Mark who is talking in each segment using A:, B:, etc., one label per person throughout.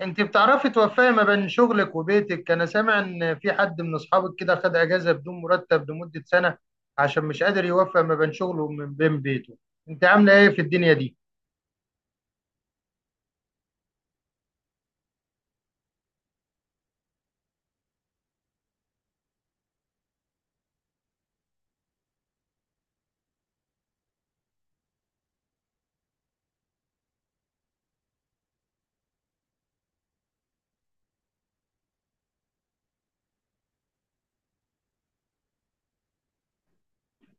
A: انت بتعرفي توفقي ما بين شغلك وبيتك؟ انا سامع ان في حد من اصحابك كده خد اجازة بدون مرتب لمدة سنة عشان مش قادر يوفق ما بين شغله وما بين بيته. انت عاملة ايه في الدنيا دي؟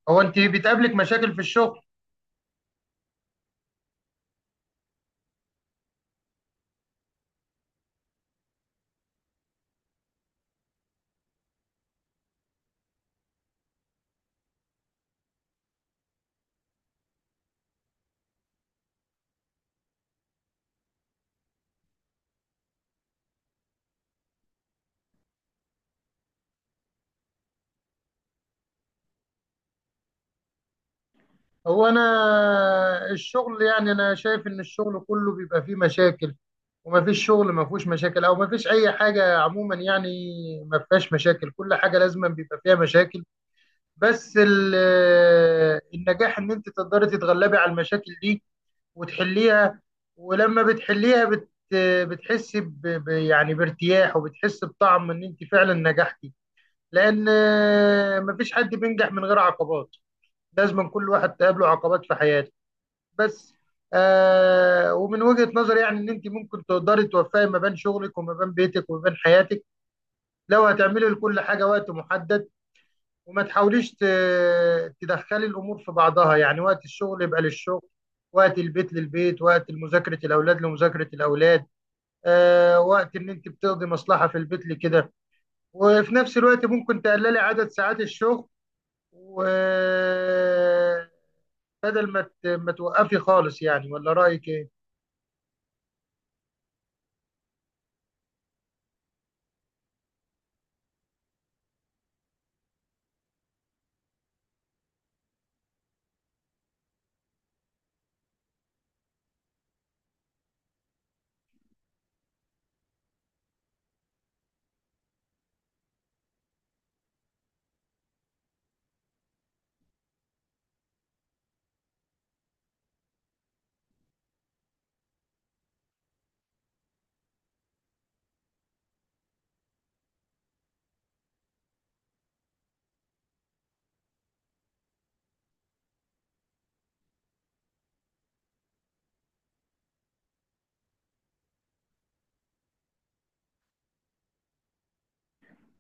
A: هو انت بتقابلك مشاكل في الشغل؟ هو انا الشغل، يعني انا شايف ان الشغل كله بيبقى فيه مشاكل، وما فيش شغل ما فيهوش مشاكل، او ما فيش اي حاجه عموما يعني ما فيهاش مشاكل. كل حاجه لازم بيبقى فيها مشاكل. بس النجاح ان انت تقدري تتغلبي على المشاكل دي وتحليها. ولما بتحليها بتحسي يعني بارتياح، وبتحسي بطعم ان انت فعلا نجحتي. لان مفيش حد بينجح من غير عقبات. لازم كل واحد تقابله عقبات في حياته. بس ومن وجهة نظري يعني ان انت ممكن تقدري توفقي ما بين شغلك وما بين بيتك وما بين حياتك، لو هتعملي لكل حاجة وقت محدد، وما تحاوليش تدخلي الامور في بعضها. يعني وقت الشغل يبقى للشغل، وقت البيت للبيت، وقت مذاكره الاولاد لمذاكره الاولاد، وقت ان انت بتقضي مصلحه في البيت لكده، وفي نفس الوقت ممكن تقللي عدد ساعات الشغل، وبدل ما توقفي خالص يعني. ولا رايك ايه؟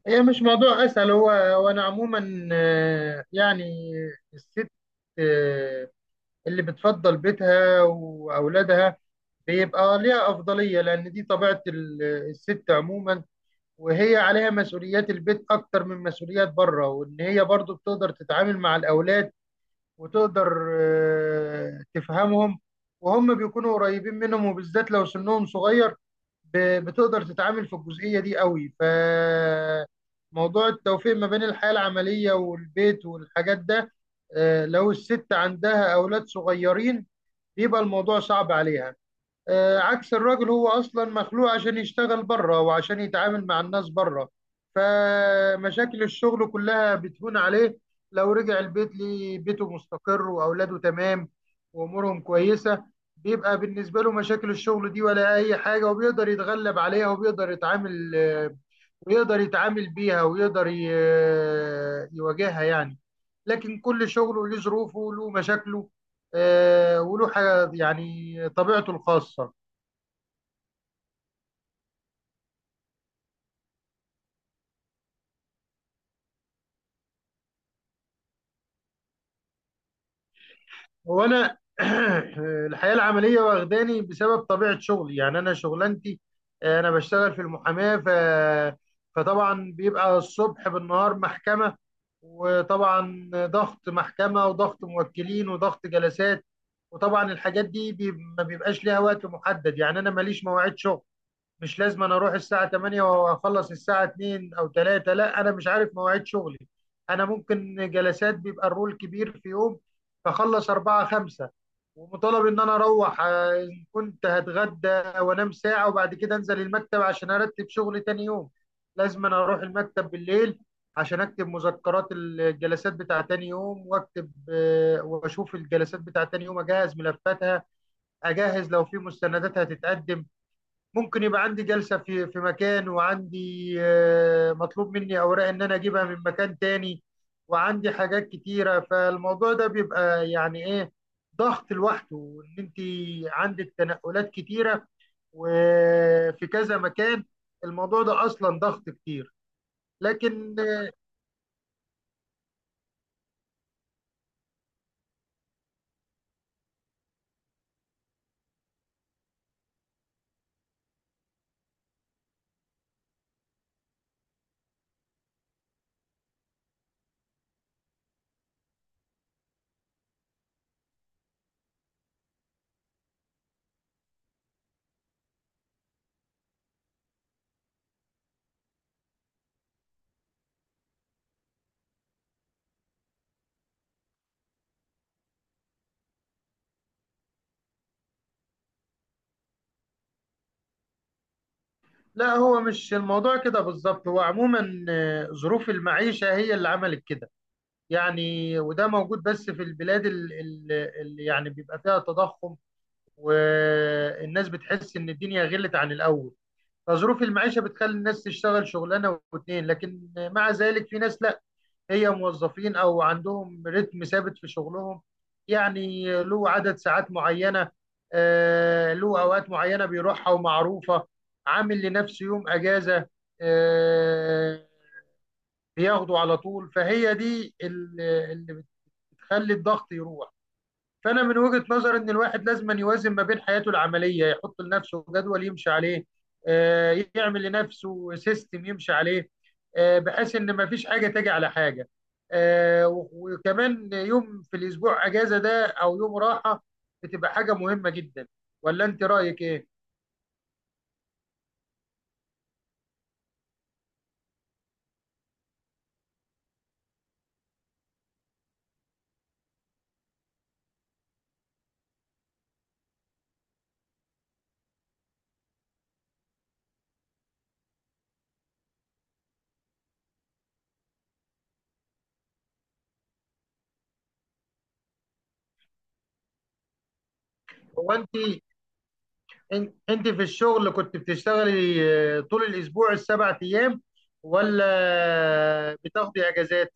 A: هي مش موضوع اسهل، هو وانا عموما، يعني الست، آه، اللي بتفضل بيتها واولادها بيبقى ليها أفضلية، لأن دي طبيعة الست عموما. وهي عليها مسؤوليات البيت أكتر من مسؤوليات بره، وإن هي برضو بتقدر تتعامل مع الأولاد، وتقدر، تفهمهم، وهم بيكونوا قريبين منهم، وبالذات لو سنهم صغير، بتقدر تتعامل في الجزئية دي قوي. فموضوع التوفيق ما بين الحياة العملية والبيت والحاجات ده، لو الست عندها أولاد صغيرين بيبقى الموضوع صعب عليها. عكس الراجل، هو اصلا مخلوق عشان يشتغل بره، وعشان يتعامل مع الناس بره. فمشاكل الشغل كلها بتهون عليه لو رجع البيت ليه بيته مستقر واولاده تمام وامورهم كويسه. بيبقى بالنسبه له مشاكل الشغل دي ولا اي حاجه، وبيقدر يتغلب عليها، وبيقدر يتعامل، ويقدر يتعامل بيها، ويقدر يواجهها يعني. لكن كل شغله له ظروفه، له مشاكله، وله حاجة يعني طبيعته الخاصة. هو انا الحياه العمليه واخداني بسبب طبيعه شغلي. يعني انا شغلانتي، انا بشتغل في المحاماه، فطبعا بيبقى الصبح بالنهار محكمه، وطبعا ضغط محكمه وضغط موكلين وضغط جلسات. وطبعا الحاجات دي ما بيبقاش ليها وقت محدد. يعني انا ماليش مواعيد شغل، مش لازم انا اروح الساعة 8 واخلص الساعة 2 او 3. لا، انا مش عارف مواعيد شغلي. انا ممكن جلسات بيبقى الرول كبير في يوم، فخلص 4 5، ومطالب ان انا اروح، ان كنت هتغدى وانام ساعة، وبعد كده انزل المكتب عشان ارتب شغلي تاني يوم. لازم انا اروح المكتب بالليل عشان اكتب مذكرات الجلسات بتاع تاني يوم، واكتب، واشوف الجلسات بتاع تاني يوم، اجهز ملفاتها، اجهز لو في مستندات هتتقدم. ممكن يبقى عندي جلسة في مكان، وعندي، مطلوب مني أوراق إن أنا أجيبها من مكان تاني، وعندي حاجات كتيرة. فالموضوع ده بيبقى يعني إيه، ضغط لوحده. وإن أنت عندك تنقلات كتيرة وفي كذا مكان، الموضوع ده أصلا ضغط كتير. لكن لا، هو مش الموضوع كده بالظبط. هو عموما، ظروف المعيشة هي اللي عملت كده يعني. وده موجود بس في البلاد اللي يعني بيبقى فيها تضخم، والناس بتحس ان الدنيا غلت عن الاول. فظروف المعيشه بتخلي الناس تشتغل شغلانه واتنين، لكن مع ذلك في ناس لا، هي موظفين او عندهم رتم ثابت في شغلهم. يعني له عدد ساعات معينه، له اوقات معينه بيروحها ومعروفه، عامل لنفسه يوم اجازه، آه، بياخده على طول. فهي دي اللي بتخلي الضغط يروح. فانا من وجهة نظري ان الواحد لازم أن يوازن ما بين حياته العملية، يحط لنفسه جدول يمشي عليه، يعمل لنفسه سيستم يمشي عليه، بحيث ان ما فيش حاجة تجي على حاجة، آه، و- وكمان يوم في الاسبوع اجازة ده او يوم راحة بتبقى حاجة مهمة جدا. ولا انت رأيك ايه؟ هو انت، انت في الشغل كنت بتشتغلي، طول الاسبوع السبع ايام، ولا بتاخدي اجازات؟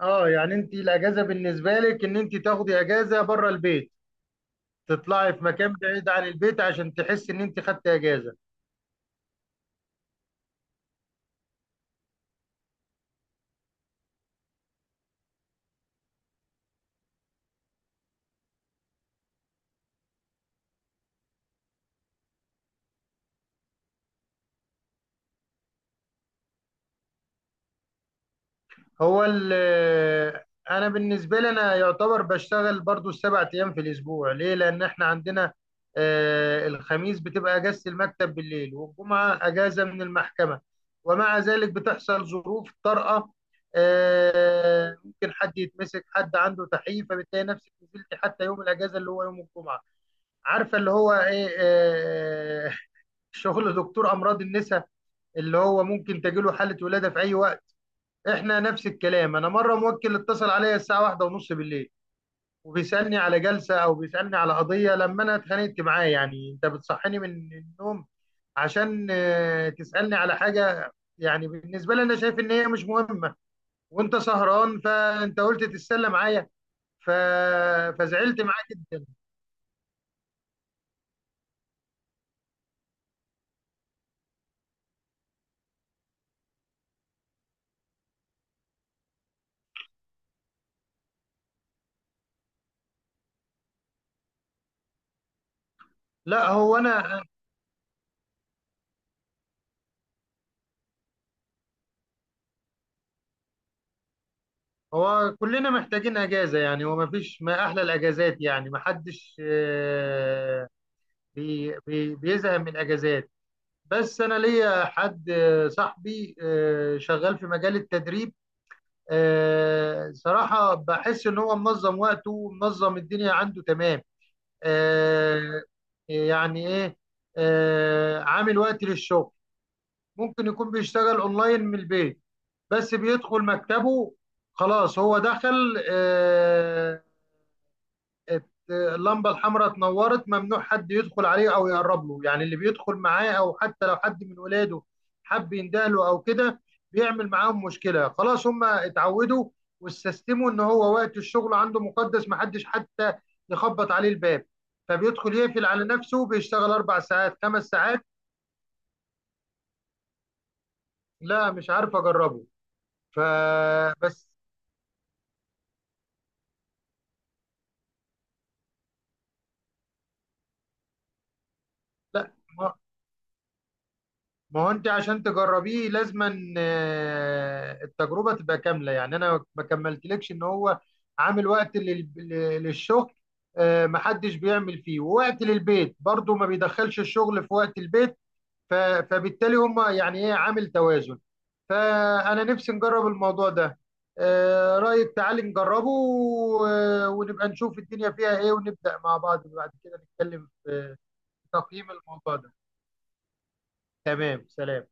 A: اه، يعني انت الاجازه بالنسبه لك ان انت تاخدي اجازه بره البيت، تطلعي في مكان بعيد عن البيت عشان تحس ان انت خدت اجازه. هو انا بالنسبه لي انا يعتبر بشتغل برضو السبع ايام في الاسبوع. ليه؟ لان احنا عندنا، الخميس بتبقى اجازه المكتب بالليل، والجمعه اجازه من المحكمه. ومع ذلك بتحصل ظروف طارئه، ممكن حد يتمسك، حد عنده تحييف، فبتلاقي نفسك نزلت حتى يوم الاجازه اللي هو يوم الجمعه. عارفه اللي هو ايه؟ شغل دكتور امراض النساء، اللي هو ممكن تجيله حاله ولاده في اي وقت. احنا نفس الكلام. انا مره موكل اتصل عليا الساعه واحدة ونص بالليل، وبيسالني على جلسه او بيسالني على قضيه. لما انا اتخانقت معاه، يعني انت بتصحيني من النوم عشان، تسالني على حاجه يعني بالنسبه لي انا شايف ان هي مش مهمه، وانت سهران فانت قلت تتسلى معايا. ف... فزعلت معاه جدا. لا هو انا هو كلنا محتاجين اجازه، يعني هو ما فيش، ما احلى الاجازات، يعني ما حدش، بي بي بيزهق من الاجازات. بس انا ليا حد، صاحبي، شغال في مجال التدريب. صراحه بحس ان هو منظم وقته ومنظم الدنيا عنده تمام. آه، يعني ايه، عامل وقت للشغل، ممكن يكون بيشتغل اونلاين من البيت، بس بيدخل مكتبه. خلاص هو دخل، اللمبه الحمراء اتنورت، ممنوع حد يدخل عليه او يقرب له. يعني اللي بيدخل معاه او حتى لو حد من ولاده حب يندهله او كده، بيعمل معاهم مشكله. خلاص هم اتعودوا واستسلموا ان هو وقت الشغل عنده مقدس، محدش حتى يخبط عليه الباب. فبيدخل يقفل على نفسه، بيشتغل اربع ساعات خمس ساعات. لا، مش عارف اجربه. فبس لا، ما ما هو انت عشان تجربيه لازما، التجربه تبقى كامله. يعني انا ما كملتلكش ان هو عامل وقت للشغل، ما حدش بيعمل فيه، ووقت للبيت برضو ما بيدخلش الشغل في وقت البيت. ف- فبالتالي هم يعني ايه، عامل توازن. فانا نفسي نجرب الموضوع ده. رايك تعالي نجربه، ونبقى نشوف الدنيا فيها ايه، ونبدا مع بعض، بعد كده نتكلم في في تقييم الموضوع ده. تمام، سلام.